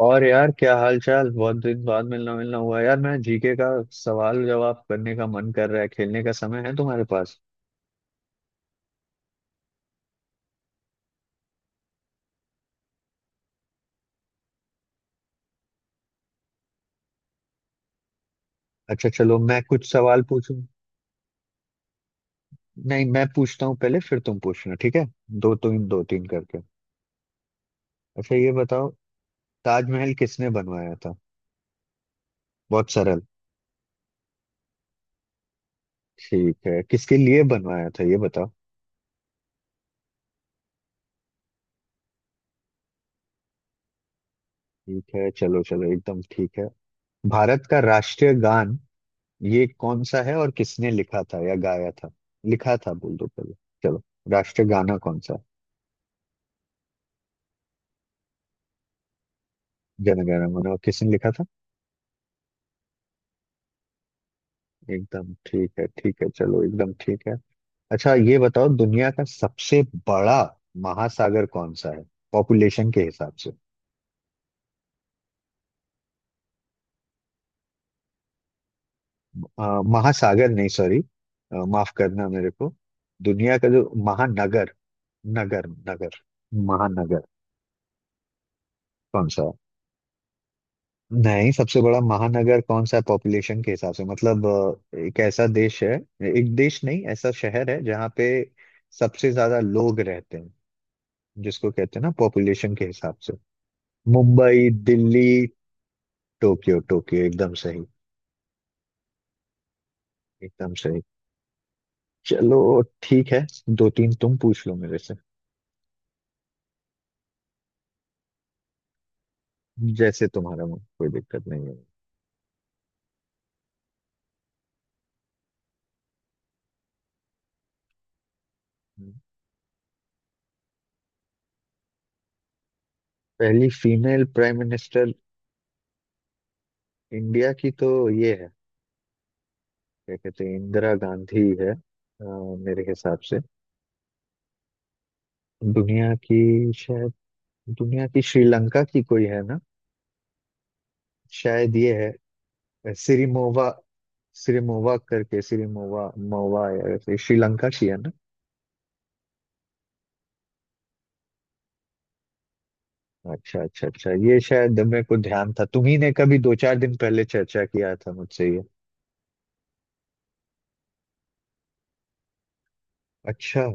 और यार, क्या हाल चाल। बहुत दिन बाद मिलना मिलना हुआ यार। मैं जीके का सवाल जवाब करने का मन कर रहा है, खेलने का समय है तुम्हारे पास? अच्छा चलो, मैं कुछ सवाल पूछूं। नहीं, मैं पूछता हूँ पहले, फिर तुम पूछना, ठीक है? दो तीन करके। अच्छा ये बताओ, ताजमहल किसने बनवाया था? बहुत सरल। ठीक है, किसके लिए बनवाया था ये बताओ। ठीक है, चलो चलो, एकदम ठीक है। भारत का राष्ट्रीय गान ये कौन सा है, और किसने लिखा था या गाया था? लिखा था बोल दो पहले। चलो। राष्ट्रीय गाना कौन सा है? जन गण मन, और किसने लिखा था? एकदम ठीक है, ठीक है, चलो, एकदम ठीक है। अच्छा ये बताओ, दुनिया का सबसे बड़ा महासागर कौन सा है, पॉपुलेशन के हिसाब से? महासागर नहीं, सॉरी, माफ करना मेरे को। दुनिया का जो महानगर, नगर नगर, महानगर कौन सा है? नहीं, सबसे बड़ा महानगर कौन सा, पॉपुलेशन के हिसाब से, मतलब एक ऐसा देश है, एक देश नहीं, ऐसा शहर है जहाँ पे सबसे ज्यादा लोग रहते हैं, जिसको कहते हैं ना, पॉपुलेशन के हिसाब से। मुंबई, दिल्ली। टोक्यो, टोक्यो, एकदम सही। एकदम सही, चलो ठीक है। दो तीन तुम पूछ लो मेरे से। जैसे तुम्हारा मन, कोई दिक्कत नहीं है। पहली फीमेल प्राइम मिनिस्टर, इंडिया की तो ये है, क्या कहते हैं, इंदिरा गांधी है, मेरे हिसाब से। दुनिया की शायद, दुनिया की, श्रीलंका की कोई है ना, शायद ये है। सिरिमोवा। सिरिमोवा करके, सिरिमोवा मोवा, या ऐसे, श्रीलंका की है ना। अच्छा अच्छा अच्छा, ये शायद मेरे को ध्यान था, तुम्ही ने कभी दो चार दिन पहले चर्चा किया था मुझसे ये। अच्छा।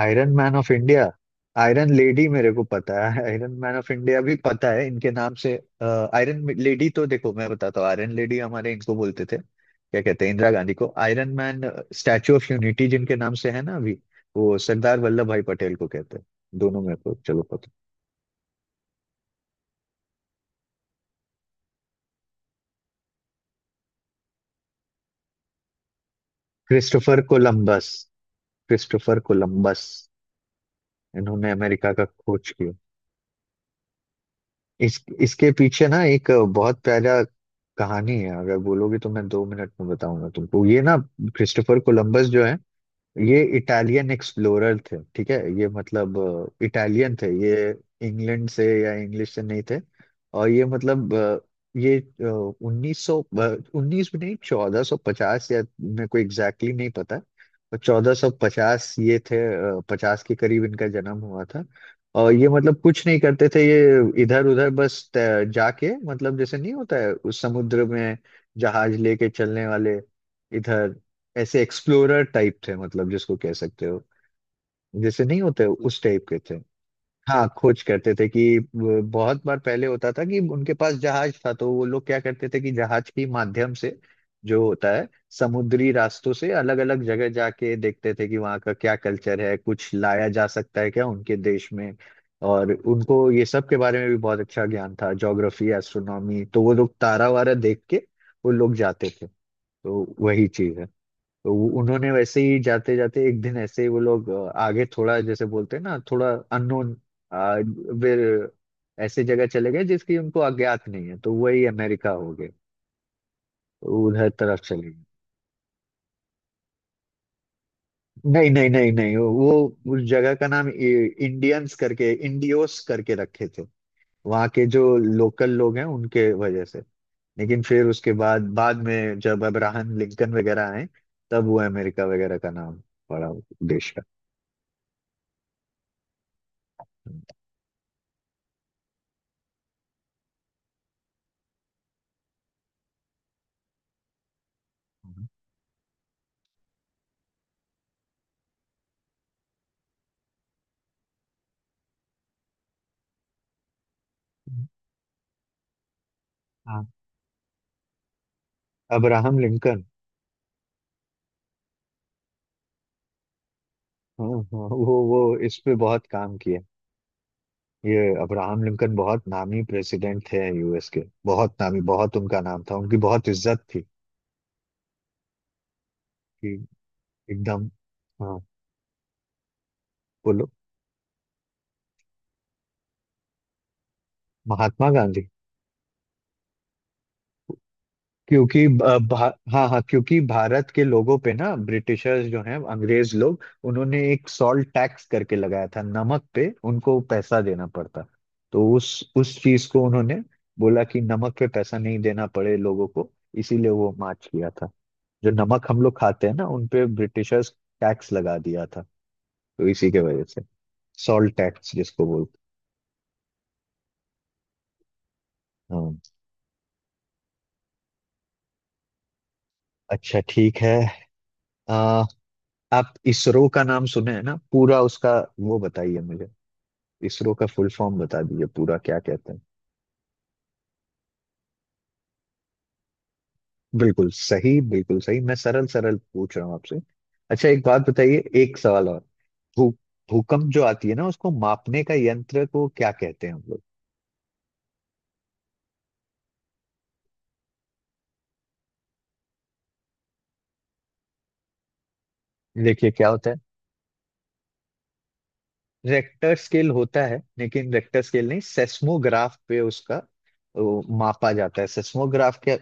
Iron man of India. Iron lady मेरे को पता है, आयरन मैन ऑफ इंडिया भी पता है, इनके नाम से। आयरन लेडी तो देखो मैं बताता हूँ, आयरन लेडी हमारे, इनको बोलते थे, क्या कहते हैं, इंदिरा गांधी को। Iron man, statue of unity जिनके नाम से है ना अभी, वो सरदार वल्लभ भाई पटेल को कहते हैं। दोनों मेरे को चलो पता। Christopher Columbus. Christopher Columbus. इन्होंने अमेरिका का खोज किया। इस इसके पीछे ना एक बहुत प्यारा कहानी है, अगर बोलोगे तो मैं 2 मिनट में बताऊंगा तुमको ये ना। क्रिस्टोफर कोलंबस जो है, ये इटालियन एक्सप्लोरर थे, ठीक है, ये मतलब इटालियन थे ये। इंग्लैंड से, या इंग्लिश से नहीं थे। और ये मतलब ये 1900, उन्नीस भी नहीं, 1450, या मेरे को एग्जैक्टली नहीं पता, पर 1450 ये थे, 50 के करीब इनका जन्म हुआ था। और ये मतलब कुछ नहीं करते थे ये, इधर उधर बस जाके, मतलब जैसे नहीं होता है उस समुद्र में जहाज लेके चलने वाले, इधर, ऐसे एक्सप्लोरर टाइप थे, मतलब जिसको कह सकते हो, जैसे नहीं होते उस टाइप के थे। हाँ, खोज करते थे, कि वो बहुत बार पहले होता था कि उनके पास जहाज था, तो वो लोग क्या करते थे कि जहाज के माध्यम से जो होता है, समुद्री रास्तों से अलग अलग जगह जाके देखते थे कि वहाँ का क्या कल्चर है, कुछ लाया जा सकता है क्या उनके देश में। और उनको ये सब के बारे में भी बहुत अच्छा ज्ञान था, ज्योग्राफी, एस्ट्रोनॉमी, तो वो लोग तारा वारा देख के वो लोग जाते थे। तो वही चीज है। तो उन्होंने वैसे ही जाते जाते एक दिन ऐसे ही वो लोग आगे थोड़ा, जैसे बोलते हैं ना, थोड़ा अननोन, फिर ऐसे जगह चले गए जिसकी उनको अज्ञात नहीं है, तो वही अमेरिका हो गए, तो उधर तरफ चले गए। नहीं नहीं नहीं नहीं, वो उस जगह का नाम इंडियंस करके, इंडियोस करके रखे थे, वहाँ के जो लोकल लोग हैं उनके वजह से। लेकिन फिर उसके बाद बाद में जब अब्राहम लिंकन वगैरह आए, तब वो अमेरिका वगैरह का नाम पड़ा उस देश का। हाँ। Abraham Lincoln. हाँ हाँ, वो इस पे बहुत काम किया। ये अब्राहम लिंकन बहुत नामी प्रेसिडेंट थे यूएस के, बहुत नामी, बहुत उनका नाम था, उनकी बहुत इज्जत थी, कि एकदम। हाँ, बोलो। महात्मा गांधी। क्योंकि हाँ हाँ, क्योंकि भारत के लोगों पे ना ब्रिटिशर्स जो हैं, अंग्रेज लोग, उन्होंने एक सॉल्ट टैक्स करके लगाया था, नमक पे उनको पैसा देना पड़ता। तो उस चीज को उन्होंने बोला कि नमक पे पैसा नहीं देना पड़े लोगों को, इसीलिए वो मार्च किया था। जो नमक हम लोग खाते हैं ना, उन पे ब्रिटिशर्स टैक्स लगा दिया था, तो इसी के वजह से, सॉल्ट टैक्स जिसको बोलते हैं, हाँ। अच्छा, ठीक है। आ, आप इसरो का नाम सुने हैं ना पूरा उसका, वो बताइए मुझे। इसरो का फुल फॉर्म बता दीजिए पूरा, क्या कहते हैं। बिल्कुल सही, बिल्कुल सही, मैं सरल सरल पूछ रहा हूँ आपसे। अच्छा एक बात बताइए, एक सवाल और। भू भूकंप जो आती है ना, उसको मापने का यंत्र को क्या कहते हैं हम लोग? देखिए क्या होता है, रेक्टर स्केल होता है, लेकिन रेक्टर स्केल नहीं, सेस्मोग्राफ पे उसका वो मापा जाता है। सेस्मोग्राफ क्या,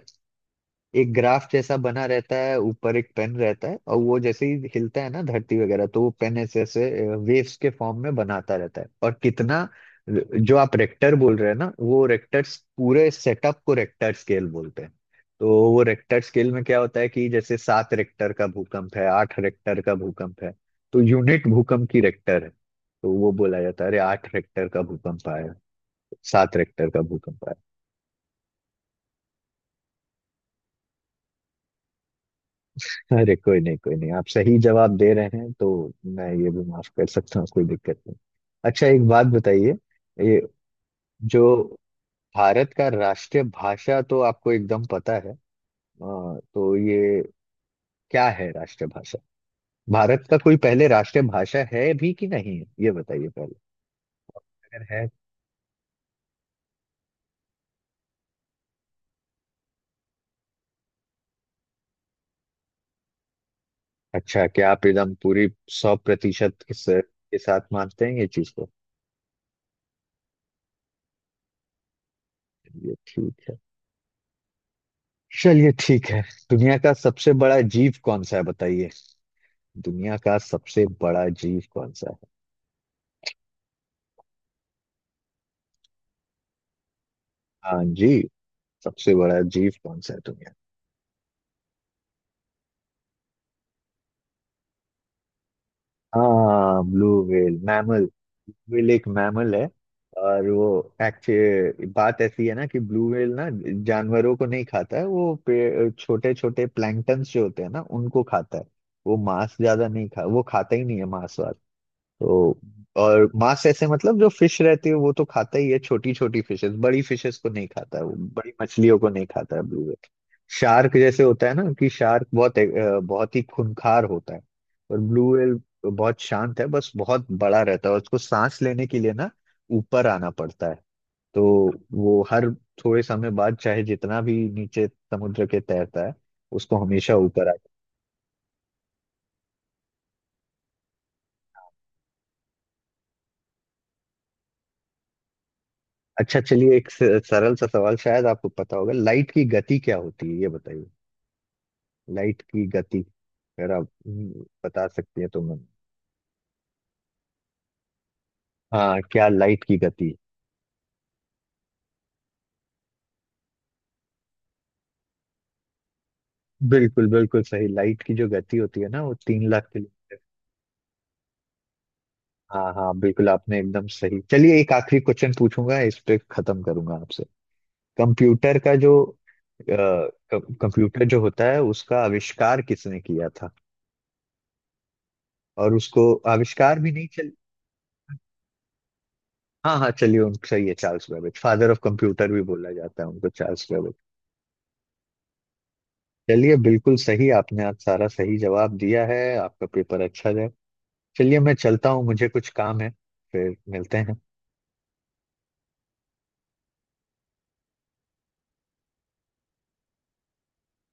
एक ग्राफ जैसा बना रहता है, ऊपर एक पेन रहता है, और वो जैसे ही हिलता है ना धरती वगैरह, तो वो पेन ऐसे ऐसे वेव्स के फॉर्म में बनाता रहता है, और कितना जो आप रेक्टर बोल रहे हैं ना, वो रेक्टर्स, पूरे सेटअप को रेक्टर स्केल बोलते हैं। तो वो रेक्टर स्केल में क्या होता है कि जैसे 7 रेक्टर का भूकंप है, 8 रेक्टर का भूकंप है, तो यूनिट भूकंप की रेक्टर है, तो वो बोला जाता है अरे 8 रेक्टर का भूकंप आया, 7 रेक्टर का भूकंप आया। अरे कोई नहीं, कोई नहीं, आप सही जवाब दे रहे हैं तो मैं ये भी माफ कर सकता हूँ, कोई दिक्कत नहीं। अच्छा एक बात बताइए, ये जो भारत का राष्ट्रीय भाषा, तो आपको एकदम पता है, तो ये क्या है राष्ट्रीय भाषा? भारत का कोई पहले राष्ट्रीय भाषा है भी कि नहीं है, ये बताइए पहले, अगर है। अच्छा, क्या आप एकदम पूरी 100% इस के साथ मानते हैं ये चीज को? ये ठीक है, चलिए ठीक है। दुनिया का सबसे बड़ा जीव कौन सा है बताइए। दुनिया का सबसे बड़ा जीव कौन सा है? हाँ जी, सबसे बड़ा जीव कौन सा है दुनिया? हाँ blue whale, mammal, blue whale एक मैमल है। और वो, एक्चुअली बात ऐसी है ना कि ब्लू व्हेल ना जानवरों को नहीं खाता है, वो पे छोटे छोटे प्लैंक्टन्स जो होते हैं ना, उनको खाता है। वो मांस ज्यादा नहीं खा, वो खाता ही नहीं है मांस, तो। और मांस ऐसे मतलब जो फिश रहती है, वो तो खाता ही है, छोटी छोटी फिशेस, बड़ी फिशेस को नहीं खाता है, वो बड़ी मछलियों को नहीं खाता है, ब्लू व्हेल। शार्क जैसे होता है ना, कि शार्क बहुत बहुत ही खूंखार होता है, और ब्लू व्हेल बहुत शांत है, बस बहुत बड़ा रहता है, और उसको सांस लेने के लिए ना ऊपर आना पड़ता है। तो वो हर थोड़े समय बाद, चाहे जितना भी नीचे समुद्र के तैरता है, उसको हमेशा ऊपर। अच्छा चलिए, एक सरल सा सवाल, शायद आपको पता होगा, लाइट की गति क्या होती है ये बताइए। लाइट की गति, अगर आप बता सकती है तो मैं। हाँ, क्या लाइट की गति? बिल्कुल बिल्कुल सही, लाइट की जो गति होती है ना, वो 3 लाख किलो। हाँ हाँ बिल्कुल, आपने एकदम सही। चलिए एक आखिरी क्वेश्चन पूछूंगा, इस पे खत्म करूंगा आपसे। कंप्यूटर का जो अ, कंप्यूटर जो होता है, उसका आविष्कार किसने किया था, और उसको आविष्कार भी नहीं। हाँ हाँ चलिए, उनको सही है, Charles Babbage, father of computer भी बोला जाता है उनको, चार्ल्स बेबेज। चलिए बिल्कुल सही, आपने आज सारा सही जवाब दिया है, आपका पेपर अच्छा जाए। चलिए मैं चलता हूँ, मुझे कुछ काम है। फिर मिलते हैं।